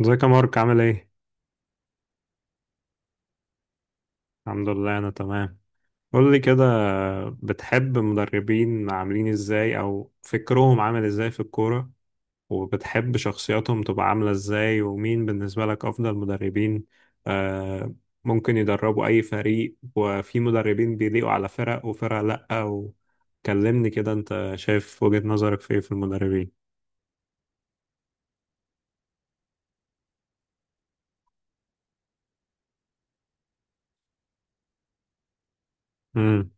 ازيك يا مارك، عامل ايه؟ الحمد لله انا تمام. قول لي كده، بتحب مدربين عاملين ازاي او فكرهم عامل ازاي في الكورة؟ وبتحب شخصياتهم تبقى عاملة ازاي؟ ومين بالنسبة لك افضل مدربين؟ آه. ممكن يدربوا اي فريق، وفي مدربين بيليقوا على فرق وفرق لأ، وكلمني كده انت شايف وجهة نظرك في ايه في المدربين. امم.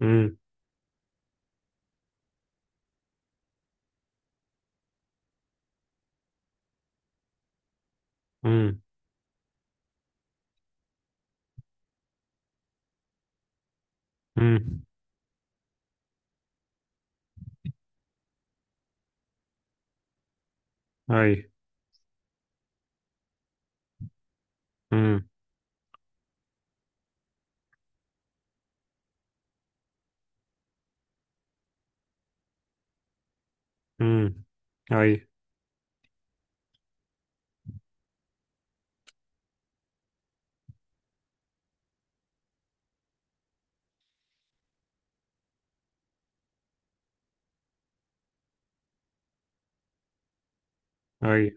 امم. امم. امم. اي. امم. امم. اي. اي.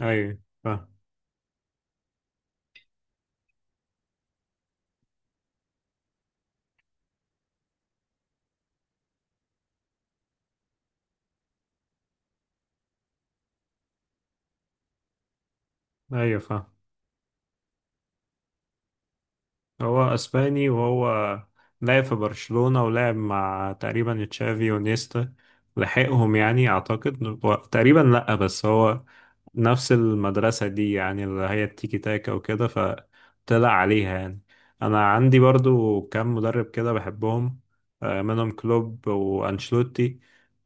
اي. ايوه، فاهم. هو اسباني، وهو لعب في برشلونة ولعب مع تقريبا تشافي ونيستا، لحقهم يعني اعتقد تقريبا، لا بس هو نفس المدرسة دي، يعني اللي هي التيكي تاكا وكده، فطلع عليها يعني. انا عندي برضو كام مدرب كده بحبهم، منهم كلوب وانشلوتي.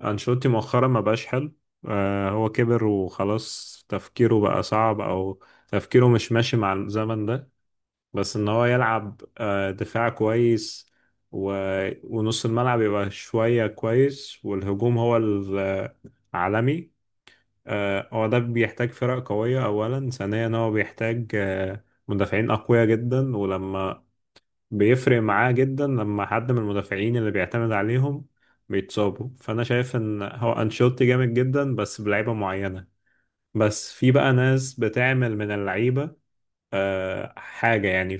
انشلوتي مؤخرا ما بقاش حلو، هو كبر وخلاص تفكيره بقى صعب، او تفكيره مش ماشي مع الزمن ده. بس ان هو يلعب دفاع كويس و... ونص الملعب يبقى شوية كويس، والهجوم هو العالمي. هو ده بيحتاج فرق قوية، أولا ثانيا هو بيحتاج مدافعين أقوياء جدا، ولما بيفرق معاه جدا لما حد من المدافعين اللي بيعتمد عليهم بيتصابوا، فأنا شايف إن هو أنشيلوتي جامد جدا بس بلعيبة معينة. بس في بقى ناس بتعمل من اللعيبة حاجة يعني.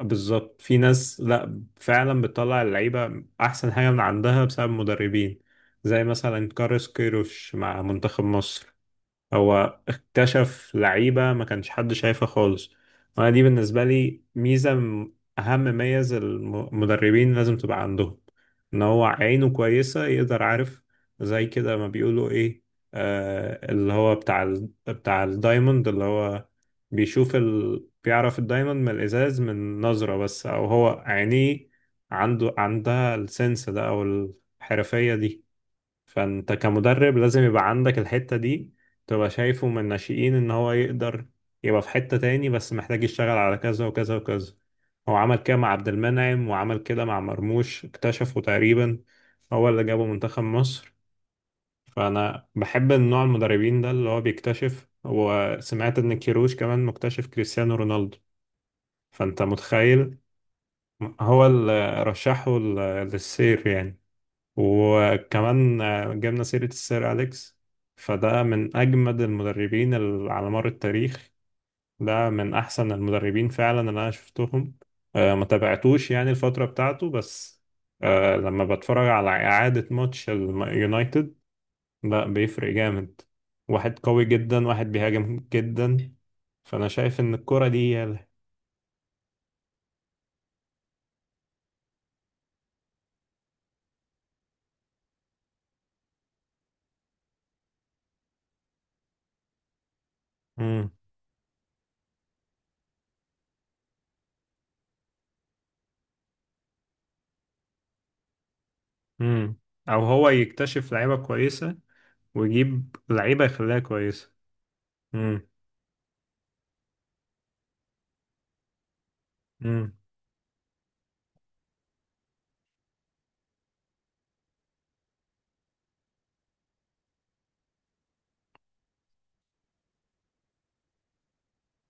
بالظبط، في ناس لا، فعلا بتطلع اللعيبة أحسن حاجة من عندها بسبب المدربين، زي مثلا كارلوس كيروش مع منتخب مصر، هو اكتشف لعيبة ما كانش حد شايفها خالص. وانا دي بالنسبة لي ميزة اهم ميز المدربين لازم تبقى عندهم، ان هو عينه كويسة يقدر، عارف، زي كده ما بيقولوا ايه، آه اللي هو بتاع الدايموند، اللي هو بيعرف الدايموند من الازاز من نظرة بس، او هو عينيه عنده عندها السنس ده، او الحرفية دي. فانت كمدرب لازم يبقى عندك الحتة دي، تبقى شايفه من الناشئين ان هو يقدر يبقى في حتة تاني، بس محتاج يشتغل على كذا وكذا وكذا. هو عمل كده مع عبد المنعم، وعمل كده مع مرموش اكتشفه تقريبا، هو اللي جابه منتخب مصر. فانا بحب النوع المدربين ده اللي هو بيكتشف، وسمعت ان كيروش كمان مكتشف كريستيانو رونالدو. فانت متخيل؟ هو اللي رشحه للسير يعني. وكمان جبنا سيرة السير أليكس، فده من أجمد المدربين على مر التاريخ. ده من أحسن المدربين فعلا اللي أنا شفتهم، ما تابعتوش يعني الفترة بتاعته، بس لما بتفرج على إعادة ماتش اليونايتد لا بيفرق جامد. واحد قوي جدا، واحد بيهاجم جدا. فأنا شايف إن الكرة دي يلا. مم. مم. أو هو يكتشف لعيبة كويسة، ويجيب لعيبة يخليها كويسة. مم. مم.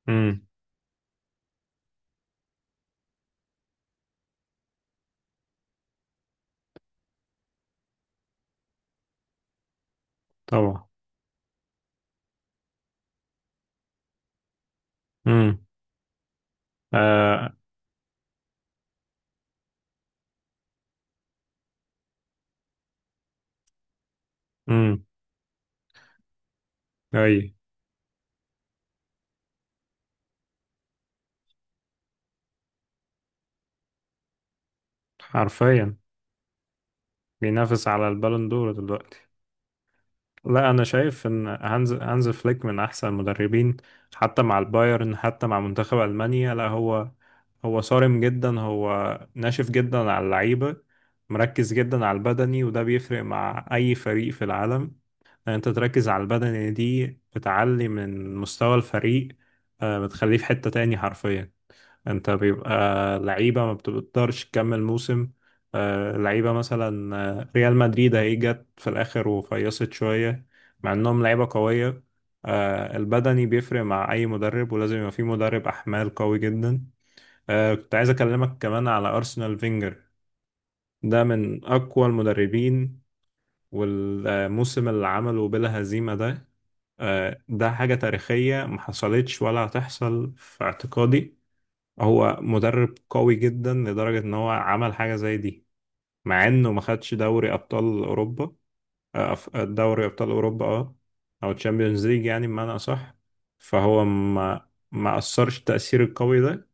امم. طبعا. امم. آه. امم. اي. حرفيا بينافس على البالون دور دلوقتي. لا، انا شايف ان هانز فليك من احسن المدربين، حتى مع البايرن حتى مع منتخب المانيا. لا، هو صارم جدا، هو ناشف جدا على اللعيبه، مركز جدا على البدني، وده بيفرق مع اي فريق في العالم. ان انت تركز على البدني دي بتعلي من مستوى الفريق، بتخليه في حته تاني حرفيا. انت بيبقى لعيبة ما بتقدرش تكمل موسم، لعيبة مثلا ريال مدريد هي جت في الآخر وفيصت شوية، مع انهم لعيبة قوية. البدني بيفرق مع أي مدرب، ولازم يبقى في مدرب أحمال قوي جدا. كنت عايز أكلمك كمان على أرسنال فينجر، ده من أقوى المدربين. والموسم اللي عمله بلا هزيمة ده، ده حاجة تاريخية محصلتش ولا هتحصل في اعتقادي. هو مدرب قوي جدا لدرجة ان هو عمل حاجة زي دي، مع انه ما خدش دوري ابطال اوروبا. دوري ابطال اوروبا، اه، او تشامبيونز ليج يعني بمعنى اصح. فهو ما اثرش التأثير القوي ده.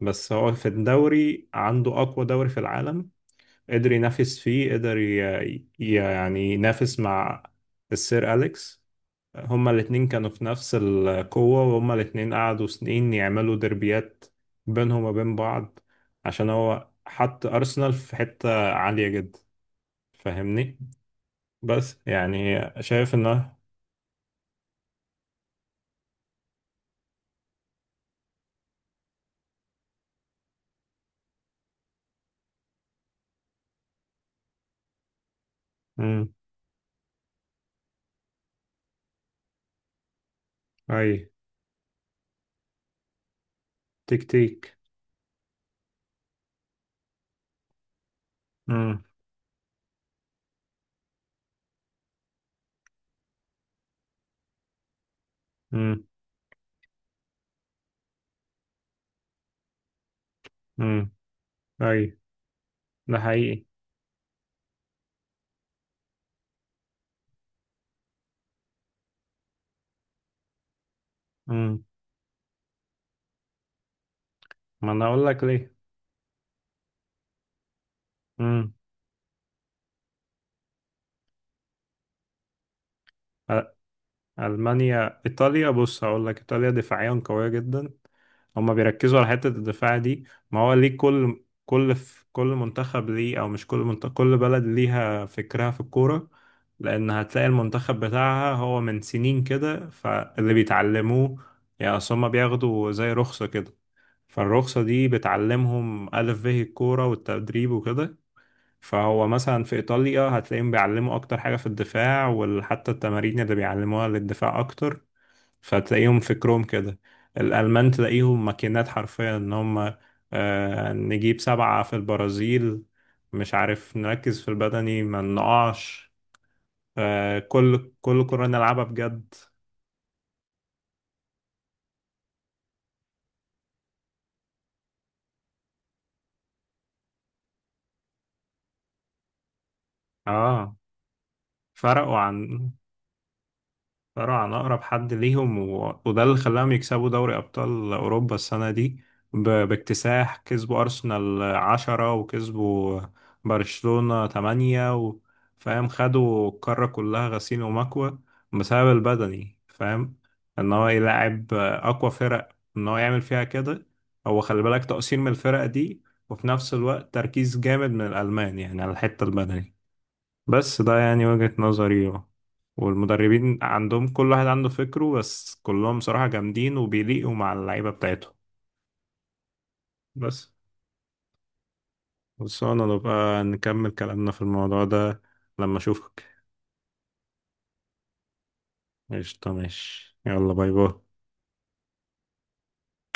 بس هو في الدوري عنده اقوى دوري في العالم، قدر ينافس فيه، قدر يعني ينافس مع السير أليكس. هما الاتنين كانوا في نفس القوة، وهما الاتنين قعدوا سنين يعملوا دربيات بينهم وبين بعض، عشان هو حط أرسنال في حتة عالية جدا. فاهمني؟ بس يعني شايف انه. امم. اي. تكتيك. امم. امم. امم. اي. ده حقيقي. امم. ما انا اقول لك ليه. امم. أ- المانيا ايطاليا، بص هقول لك، ايطاليا دفاعيا قوية جدا، هما بيركزوا على حتة الدفاع دي. ما هو ليه كل في كل منتخب ليه، او مش كل منتخب، كل بلد ليها فكرها في الكورة، لان هتلاقي المنتخب بتاعها هو من سنين كده، فاللي بيتعلموه، يعني اصل هما بياخدوا زي رخصة كده، فالرخصة دي بتعلمهم ألف به الكورة والتدريب وكده. فهو مثلا في إيطاليا هتلاقيهم بيعلموا أكتر حاجة في الدفاع، وحتى التمارين اللي بيعلموها للدفاع أكتر، فتلاقيهم فكرهم كده. الألمان تلاقيهم ماكينات حرفيا، إن هم نجيب سبعة في البرازيل، مش عارف، نركز في البدني ما نقعش. كل كرة نلعبها بجد. اه. فرقوا عن فرع عن أقرب حد ليهم، وده اللي خلاهم يكسبوا دوري أبطال أوروبا السنة دي باكتساح. كسبوا أرسنال 10، وكسبوا برشلونة 8 فاهم؟ خدوا القارة كلها غسيل ومكوى بسبب البدني، فاهم، إن هو يلعب أقوى فرق، إن هو يعمل فيها كده. هو خلي بالك تقصير من الفرق دي، وفي نفس الوقت تركيز جامد من الألمان يعني على الحتة البدني. بس ده يعني وجهة نظري. والمدربين عندهم كل واحد عنده فكره، بس كلهم صراحة جامدين وبيليقوا مع اللعيبة بتاعتهم. بس بس انا نبقى نكمل كلامنا في الموضوع ده لما اشوفك. قشطة، ماشي، يلا، باي باي.